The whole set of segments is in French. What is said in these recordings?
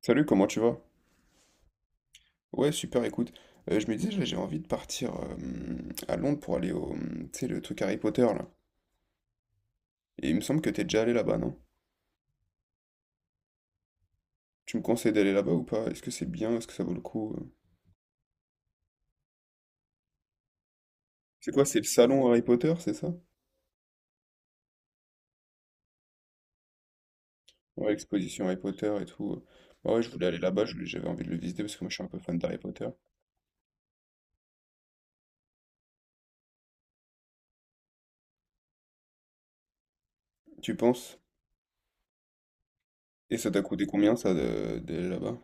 Salut, comment tu vas? Ouais, super, écoute. Je me disais, là, j'ai envie de partir à Londres pour aller au, tu sais, le truc Harry Potter, là. Et il me semble que t'es déjà allé là-bas, non? Tu me conseilles d'aller là-bas ou pas? Est-ce que c'est bien? Est-ce que ça vaut le coup? C'est quoi? C'est le salon Harry Potter, c'est ça? Ouais, l'exposition Harry Potter et tout. Bah ouais, je voulais aller là-bas, je j'avais envie de le visiter parce que moi, je suis un peu fan d'Harry Potter. Tu penses? Et ça t'a coûté combien, ça, d'aller là-bas?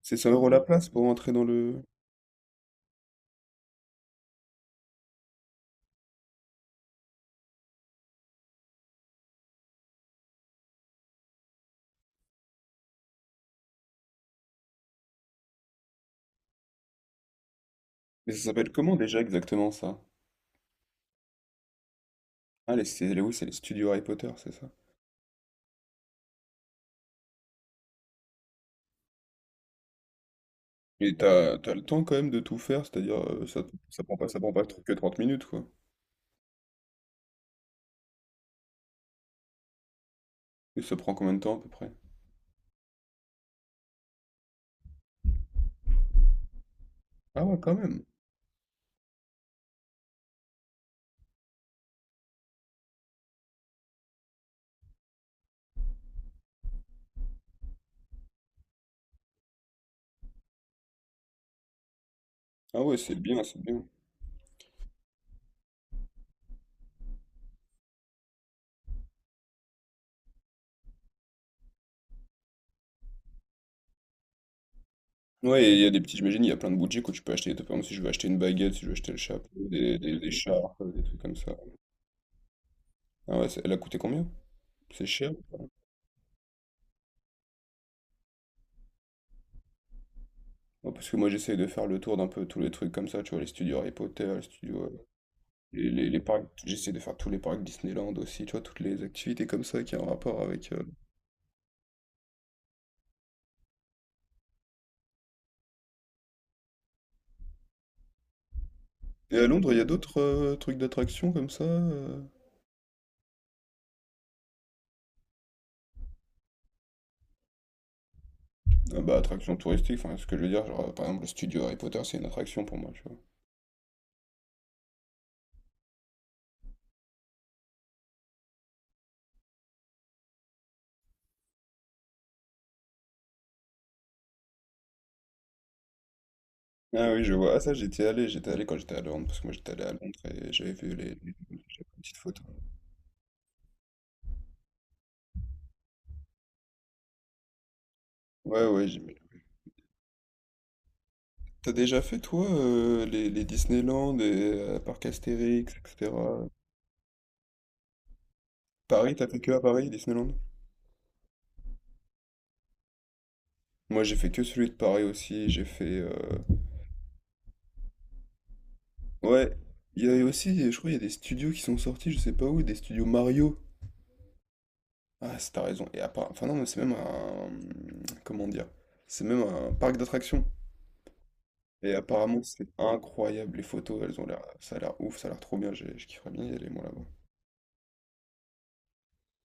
C'est 100 € la place pour entrer dans le. Mais ça s'appelle comment déjà exactement, ça? Ah, les, c'est, oui, c'est les studios Harry Potter, c'est ça? Mais t'as le temps quand même de tout faire, c'est-à-dire, ça prend pas trop que 30 minutes, quoi? Et ça prend combien de temps à peu près? Ah ouais, quand même! Ah ouais, c'est bien, c'est bien. Ouais, et il y a des petits, j'imagine, il y a plein de boutiques où tu peux acheter, par exemple, si je veux acheter une baguette, si je veux acheter le chapeau, des écharpes, des trucs comme ça. Ah ouais, c'est, elle a coûté combien? C'est cher? Ouais, parce que moi j'essaye de faire le tour d'un peu tous les trucs comme ça, tu vois? Les studios Harry Potter, les studios, les parcs j'essaie de faire tous les parcs Disneyland aussi, tu vois? Toutes les activités comme ça qui ont un rapport avec, Et à Londres, il y a d'autres, trucs d'attractions comme ça, Ah bah, attraction touristique, enfin, ce que je veux dire, genre, par exemple, le studio Harry Potter, c'est une attraction pour moi, tu vois. Ah oui, je vois. Ah, ça, j'étais allé quand j'étais à Londres, parce que moi, j'étais allé à Londres et j'avais vu les petites photos. Ouais, ouais, j'ai mis. T'as déjà fait, toi, les Disneyland et parcs Astérix, etc. Paris, t'as fait que à Paris, Disneyland? Moi, j'ai fait que celui de Paris aussi, j'ai fait... Ouais, il y a aussi, je crois, il y a des studios qui sont sortis, je sais pas où, des studios Mario. Ah, t'as raison. Et enfin, non, mais c'est même un. Comment dire? C'est même un parc d'attractions. Et apparemment, c'est incroyable. Les photos, elles ont l'air. Ça a l'air ouf, ça a l'air trop bien. Je kifferais bien y aller, moi, là-bas.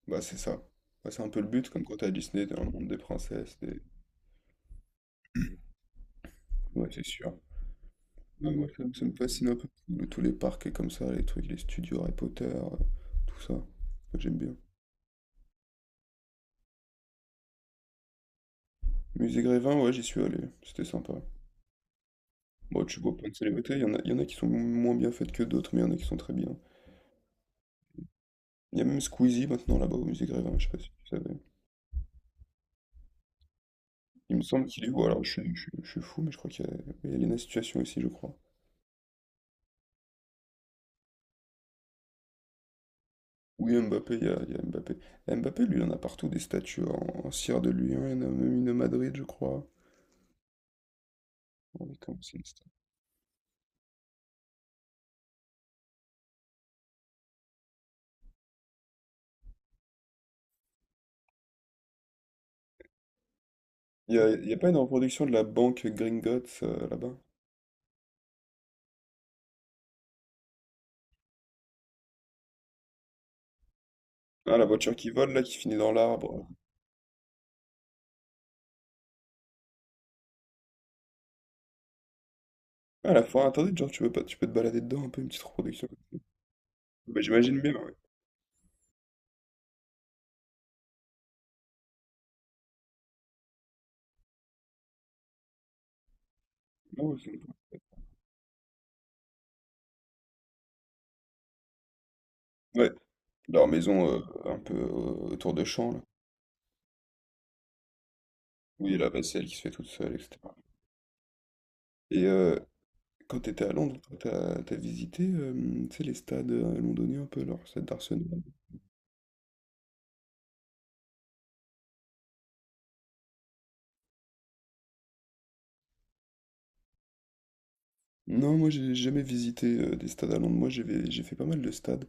Bah, c'est ça. Bah, c'est un peu le but, comme quand t'es à Disney, t'es dans le monde des princesses. Ouais, c'est sûr. Ouais, moi, ça me fascine un peu. Tous les parcs et comme ça, les trucs, les studios Harry Potter, tout ça. Moi, j'aime bien. Musée Grévin, ouais, j'y suis allé. C'était sympa. Bon, tu vois plein de célébrités. Il y en a qui sont moins bien faites que d'autres, mais il y en a qui sont très bien. Il y a même Squeezie maintenant là-bas au musée Grévin, je sais pas si tu savais. Il me semble qu'il est où, alors je suis fou, mais je crois qu'il y a Elena Situation aussi, je crois. Oui, Mbappé, il y a Mbappé. Et Mbappé, lui, il en a partout des statues en cire de lui, hein, il y en a même une à Madrid, je crois. Oh, mais comment, c'est une statue. Il y a pas une reproduction de la banque Gringotts là-bas? Ah, la voiture qui vole là, qui finit dans l'arbre. Ah, la forêt interdite, genre, tu peux pas, tu peux te balader dedans un peu, une petite reproduction. Bah, j'imagine bien, ouais. Ah ouais, c'est sympa. Ouais, leur maison un peu autour de champs, là. Oui, la vaisselle qui se fait toute seule, etc. Et quand tu étais à Londres, toi, t'as visité tu sais, les stades londoniens un peu, alors stade d'Arsenal. Non, moi j'ai jamais visité des stades à Londres. Moi j'ai fait pas mal de stades.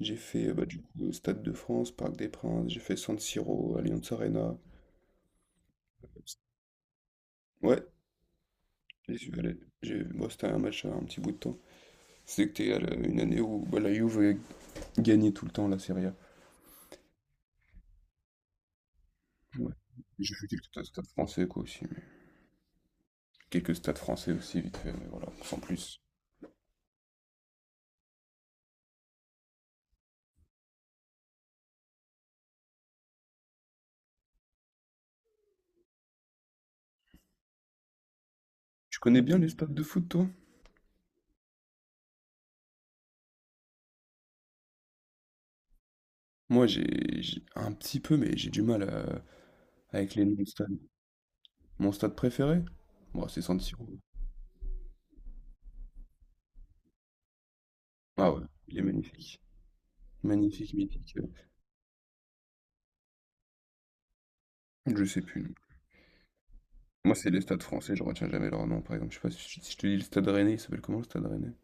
J'ai fait bah, du coup, le Stade de France, Parc des Princes, j'ai fait San Siro, Allianz Arena. Ouais, j'y suis allé. Bon, c'était un match un petit bout de temps. C'était une année où bah, la Juve gagnait tout le temps la Serie A. Ouais. J'ai fait quelques stades français, quoi, aussi, mais quelques stades français aussi, vite fait, mais voilà, sans plus. Tu connais bien les stades de foot, toi? Moi, un petit peu, mais j'ai du mal avec les noms de stades. Mon stade préféré? Bon, c'est San Siro. Ah ouais, il est magnifique. Magnifique, mythique. Je sais plus. Moi, c'est les stades français, je retiens jamais leur nom, par exemple. Je sais pas si je te dis le stade Rennais, il s'appelle comment le stade Rennais?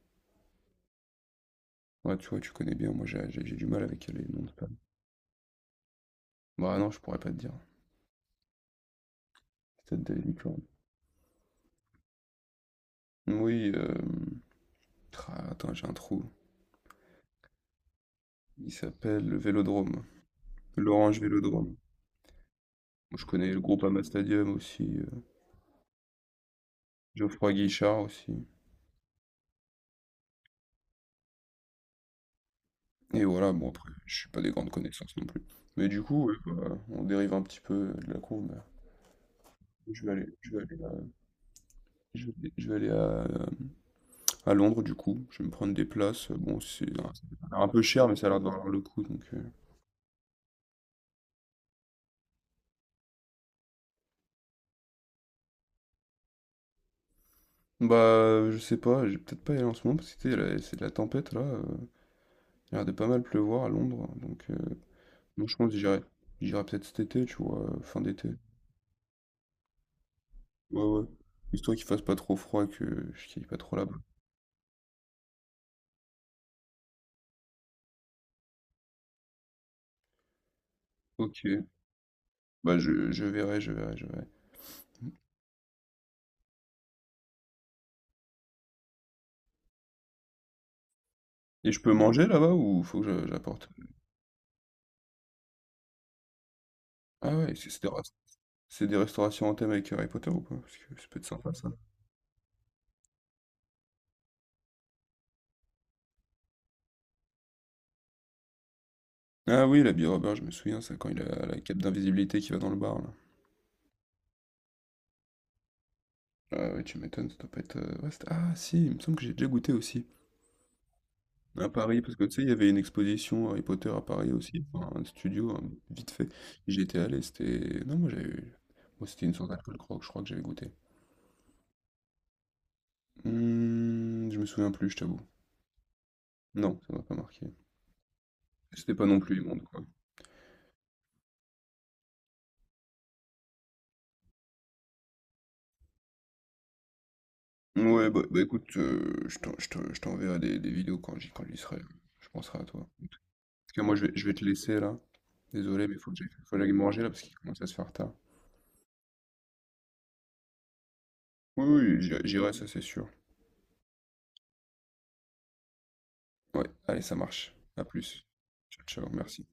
Ouais, tu vois, tu connais bien. Moi, j'ai du mal avec les noms de stades. Bah non, je pourrais pas te dire. Stade de licorne. Oui. Attends, j'ai un trou. Il s'appelle le Vélodrome. L'Orange Vélodrome. Moi, je connais le groupe Ama Stadium aussi. Geoffroy Guichard aussi. Et voilà, bon après, je suis pas des grandes connaissances non plus. Mais du coup, ouais, bah, on dérive un petit peu de la courbe. Mais je vais aller à Londres, du coup. Je vais me prendre des places. Bon, ça a l'air un peu cher, mais ça a l'air de valoir le coup. Donc. Bah, je sais pas, je vais peut-être pas y aller en ce moment, parce que tu sais, c'est de la tempête là. Il a l'air de pas mal pleuvoir à Londres. Donc, moi, je pense que j'irai, peut-être cet été, tu vois, fin d'été. Ouais, ouais. Histoire qu'il fasse pas trop froid et que je kiffe pas trop là-bas. Ok. Bah, je verrai. Et je peux manger là-bas ou faut que je j'apporte? Ah ouais, c'est des restaurations en thème avec Harry Potter ou pas? Parce que ça peut être sympa, ça. Ah oui, l'habit Robert, je me souviens, ça quand il a la cape d'invisibilité qui va dans le bar là. Ah ouais, tu m'étonnes, ça doit pas être. Ouais, ah si, il me semble que j'ai déjà goûté aussi. À Paris, parce que tu sais, il y avait une exposition Harry Potter à Paris aussi, enfin, un studio, hein, vite fait. J'étais allé, c'était. Non, moi j'avais eu. Moi, c'était une sorte d'alcool croque, je crois, que j'avais goûté. Je me souviens plus, je t'avoue. Non, ça m'a pas marqué. C'était pas non plus immonde, quoi. Ouais, bah écoute, je t'enverrai des vidéos quand j'y serai. Je penserai à toi. En tout cas, moi, je vais te laisser là. Désolé, mais faut que j'aille manger là parce qu'il commence à se faire tard. Oui, oui, j'irai, j'irai, ça c'est sûr. Ouais, allez, ça marche. À plus. Ciao, ciao, merci.